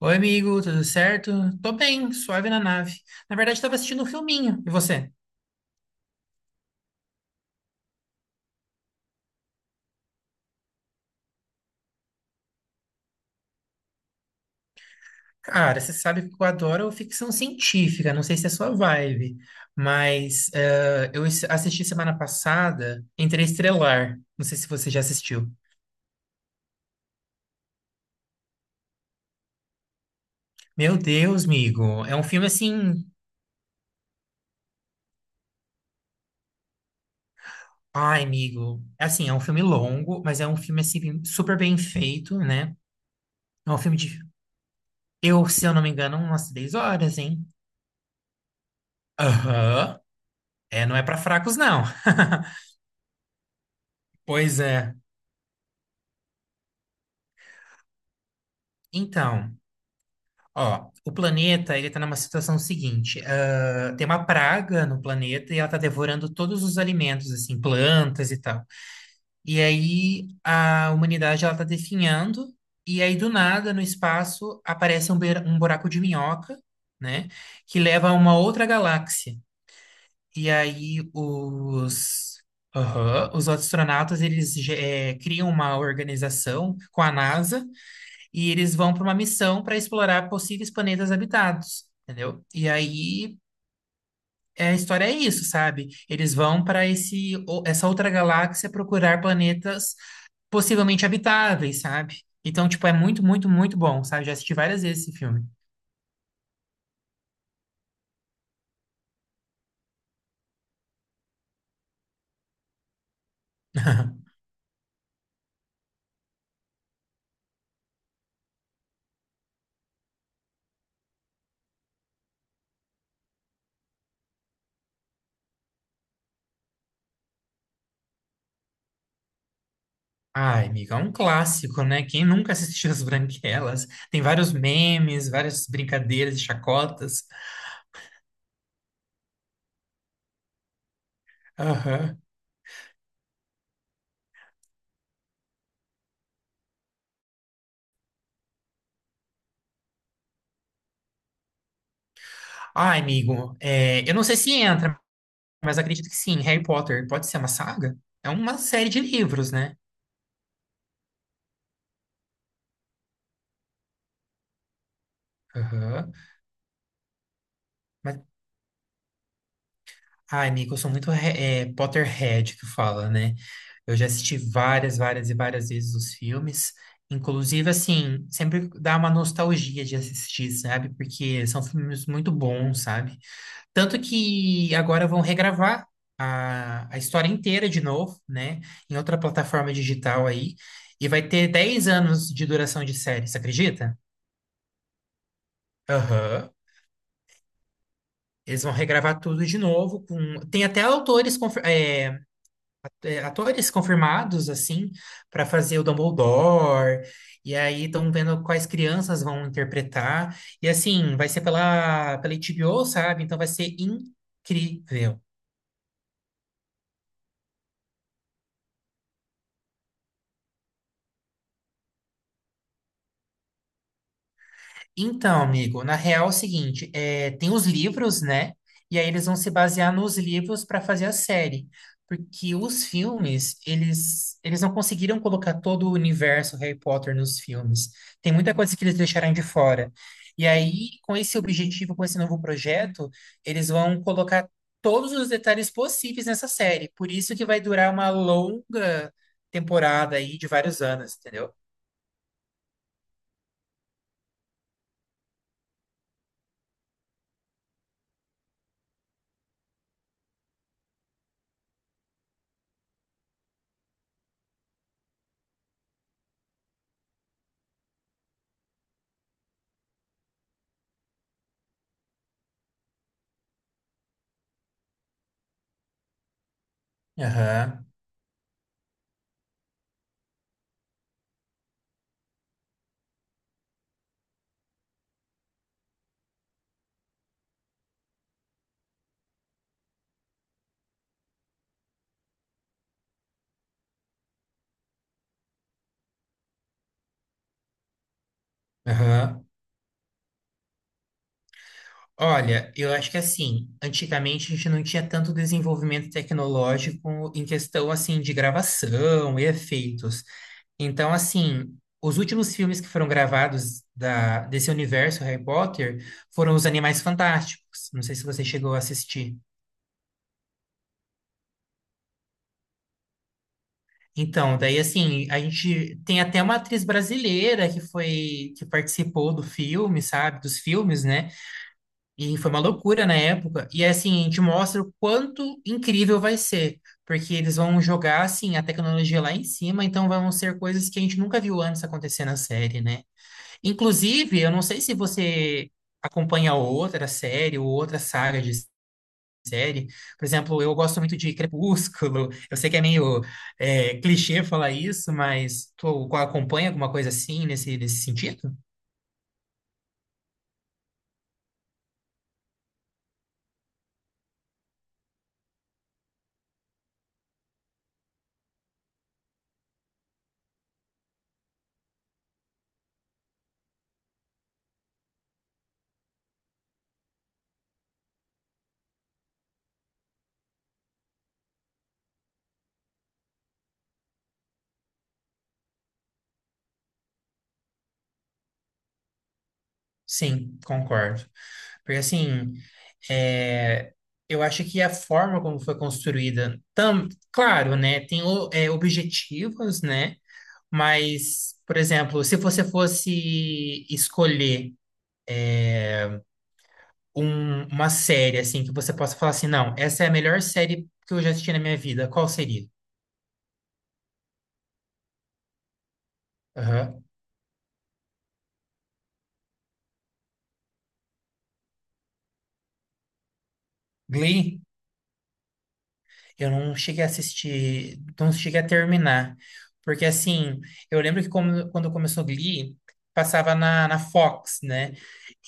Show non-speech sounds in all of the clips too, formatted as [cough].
Oi, amigo, tudo certo? Tô bem, suave na nave. Na verdade, tava assistindo um filminho. E você? Cara, você sabe que eu adoro ficção científica, não sei se é a sua vibe, mas eu assisti semana passada Interestelar. Não sei se você já assistiu. Meu Deus, amigo, é um filme assim. Ai, amigo, é assim, é um filme longo, mas é um filme assim, super bem feito, né? É um filme de, eu, se eu não me engano, umas 10 horas, hein? Aham. É, não é pra fracos, não. [laughs] Pois é. Então, ó, o planeta, ele tá numa situação seguinte, ah, tem uma praga no planeta e ela tá devorando todos os alimentos, assim, plantas e tal. E aí a humanidade, ela tá definhando e aí do nada, no espaço, aparece um, um buraco de minhoca, né, que leva a uma outra galáxia. E aí aham, os astronautas, eles criam uma organização com a NASA. E eles vão para uma missão para explorar possíveis planetas habitados, entendeu? E aí é, a história é isso, sabe? Eles vão para essa outra galáxia procurar planetas possivelmente habitáveis, sabe? Então, tipo, é muito, muito, muito bom, sabe? Já assisti várias vezes esse filme. [laughs] Ai, amiga, é um clássico, né? Quem nunca assistiu As Branquelas? Tem vários memes, várias brincadeiras e chacotas. Aham. Ai, amigo, é, eu não sei se entra, mas acredito que sim, Harry Potter pode ser uma saga? É uma série de livros, né? Aham. Mas, ai, amigo, eu sou é, Potterhead que fala, né? Eu já assisti várias, várias e várias vezes os filmes. Inclusive, assim, sempre dá uma nostalgia de assistir, sabe? Porque são filmes muito bons, sabe? Tanto que agora vão regravar a história inteira de novo, né? Em outra plataforma digital aí. E vai ter 10 anos de duração de série, você acredita? Aham. Eles vão regravar tudo de novo. Tem até é, é, atores confirmados, assim, para fazer o Dumbledore. E aí estão vendo quais crianças vão interpretar. E assim, vai ser pela HBO, sabe? Então vai ser incrível. Então, amigo, na real é o seguinte, é, tem os livros, né? E aí eles vão se basear nos livros para fazer a série, porque os filmes, eles, não conseguiram colocar todo o universo Harry Potter nos filmes. Tem muita coisa que eles deixaram de fora. E aí, com esse objetivo, com esse novo projeto, eles vão colocar todos os detalhes possíveis nessa série. Por isso que vai durar uma longa temporada aí de vários anos, entendeu? Aham, aham. Olha, eu acho que assim, antigamente a gente não tinha tanto desenvolvimento tecnológico em questão assim de gravação e efeitos. Então, assim, os últimos filmes que foram gravados desse universo Harry Potter foram os Animais Fantásticos. Não sei se você chegou a assistir. Então, daí assim, a gente tem até uma atriz brasileira que foi que participou do filme, sabe? Dos filmes, né? E foi uma loucura na época. E assim, a gente mostra o quanto incrível vai ser. Porque eles vão jogar, assim, a tecnologia lá em cima, então vão ser coisas que a gente nunca viu antes acontecer na série, né? Inclusive, eu não sei se você acompanha outra série ou outra saga de série. Por exemplo, eu gosto muito de Crepúsculo. Eu sei que é meio é, clichê falar isso, mas tu acompanha alguma coisa assim nesse sentido? Sim, concordo. Porque assim, é, eu acho que a forma como foi construída, tam, claro, né, tem é, objetivos, né, mas, por exemplo, se você fosse escolher eh, uma série, assim, que você possa falar assim, não, essa é a melhor série que eu já assisti na minha vida, qual seria? Aham. Glee? Eu não cheguei a assistir, não cheguei a terminar. Porque, assim, eu lembro que quando começou Glee, passava na Fox, né?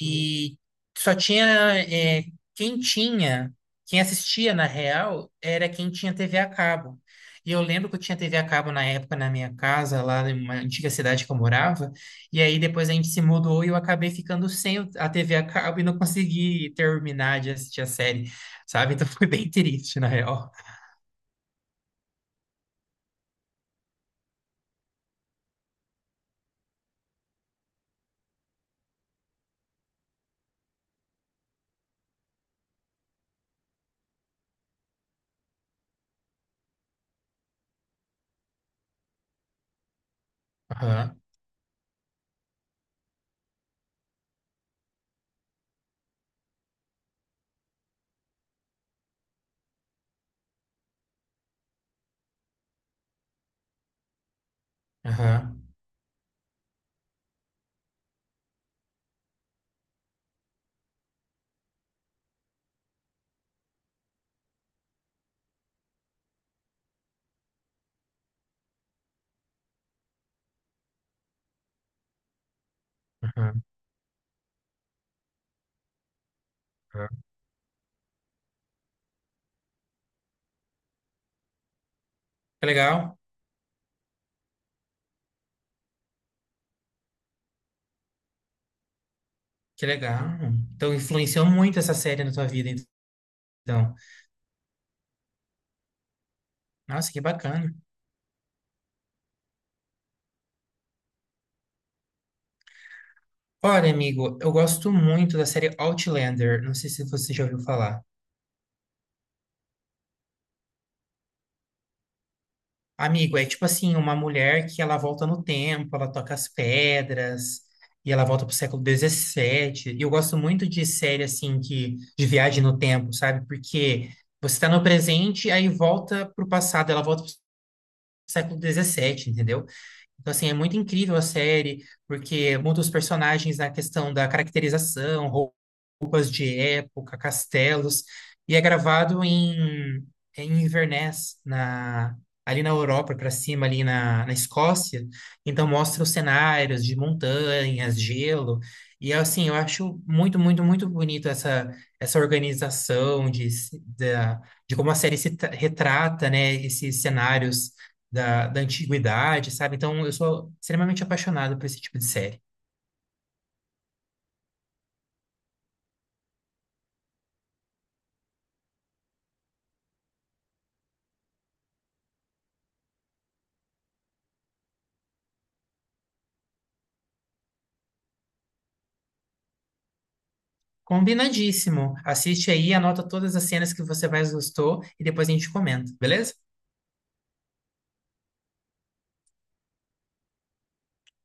E só tinha. É, quem tinha, quem assistia na real, era quem tinha TV a cabo. E eu lembro que eu tinha TV a cabo na época na minha casa, lá em uma antiga cidade que eu morava. E aí depois a gente se mudou e eu acabei ficando sem a TV a cabo e não consegui terminar de assistir a série, sabe? Então [laughs] foi bem triste, na real. Aham, aham, aham, aham. Que legal, que legal. Então, influenciou muito essa série na tua vida, então. Nossa, que bacana. Olha, amigo, eu gosto muito da série Outlander. Não sei se você já ouviu falar. Amigo, é tipo assim, uma mulher que ela volta no tempo, ela toca as pedras, e ela volta pro século XVII. E eu gosto muito de série, assim, que, de viagem no tempo, sabe? Porque você tá no presente, aí volta pro passado, ela volta pro século dezessete, entendeu? Então, assim, é muito incrível a série, porque muda os personagens na questão da caracterização, roupas de época, castelos, e é gravado em, em Inverness, na, ali na Europa, para cima, ali na, na Escócia. Então mostra os cenários de montanhas, gelo, e assim, eu acho muito, muito, muito bonito essa, essa organização de como a série se tra- retrata, né, esses cenários da antiguidade, sabe? Então, eu sou extremamente apaixonado por esse tipo de série. Combinadíssimo. Assiste aí, anota todas as cenas que você mais gostou e depois a gente comenta, beleza?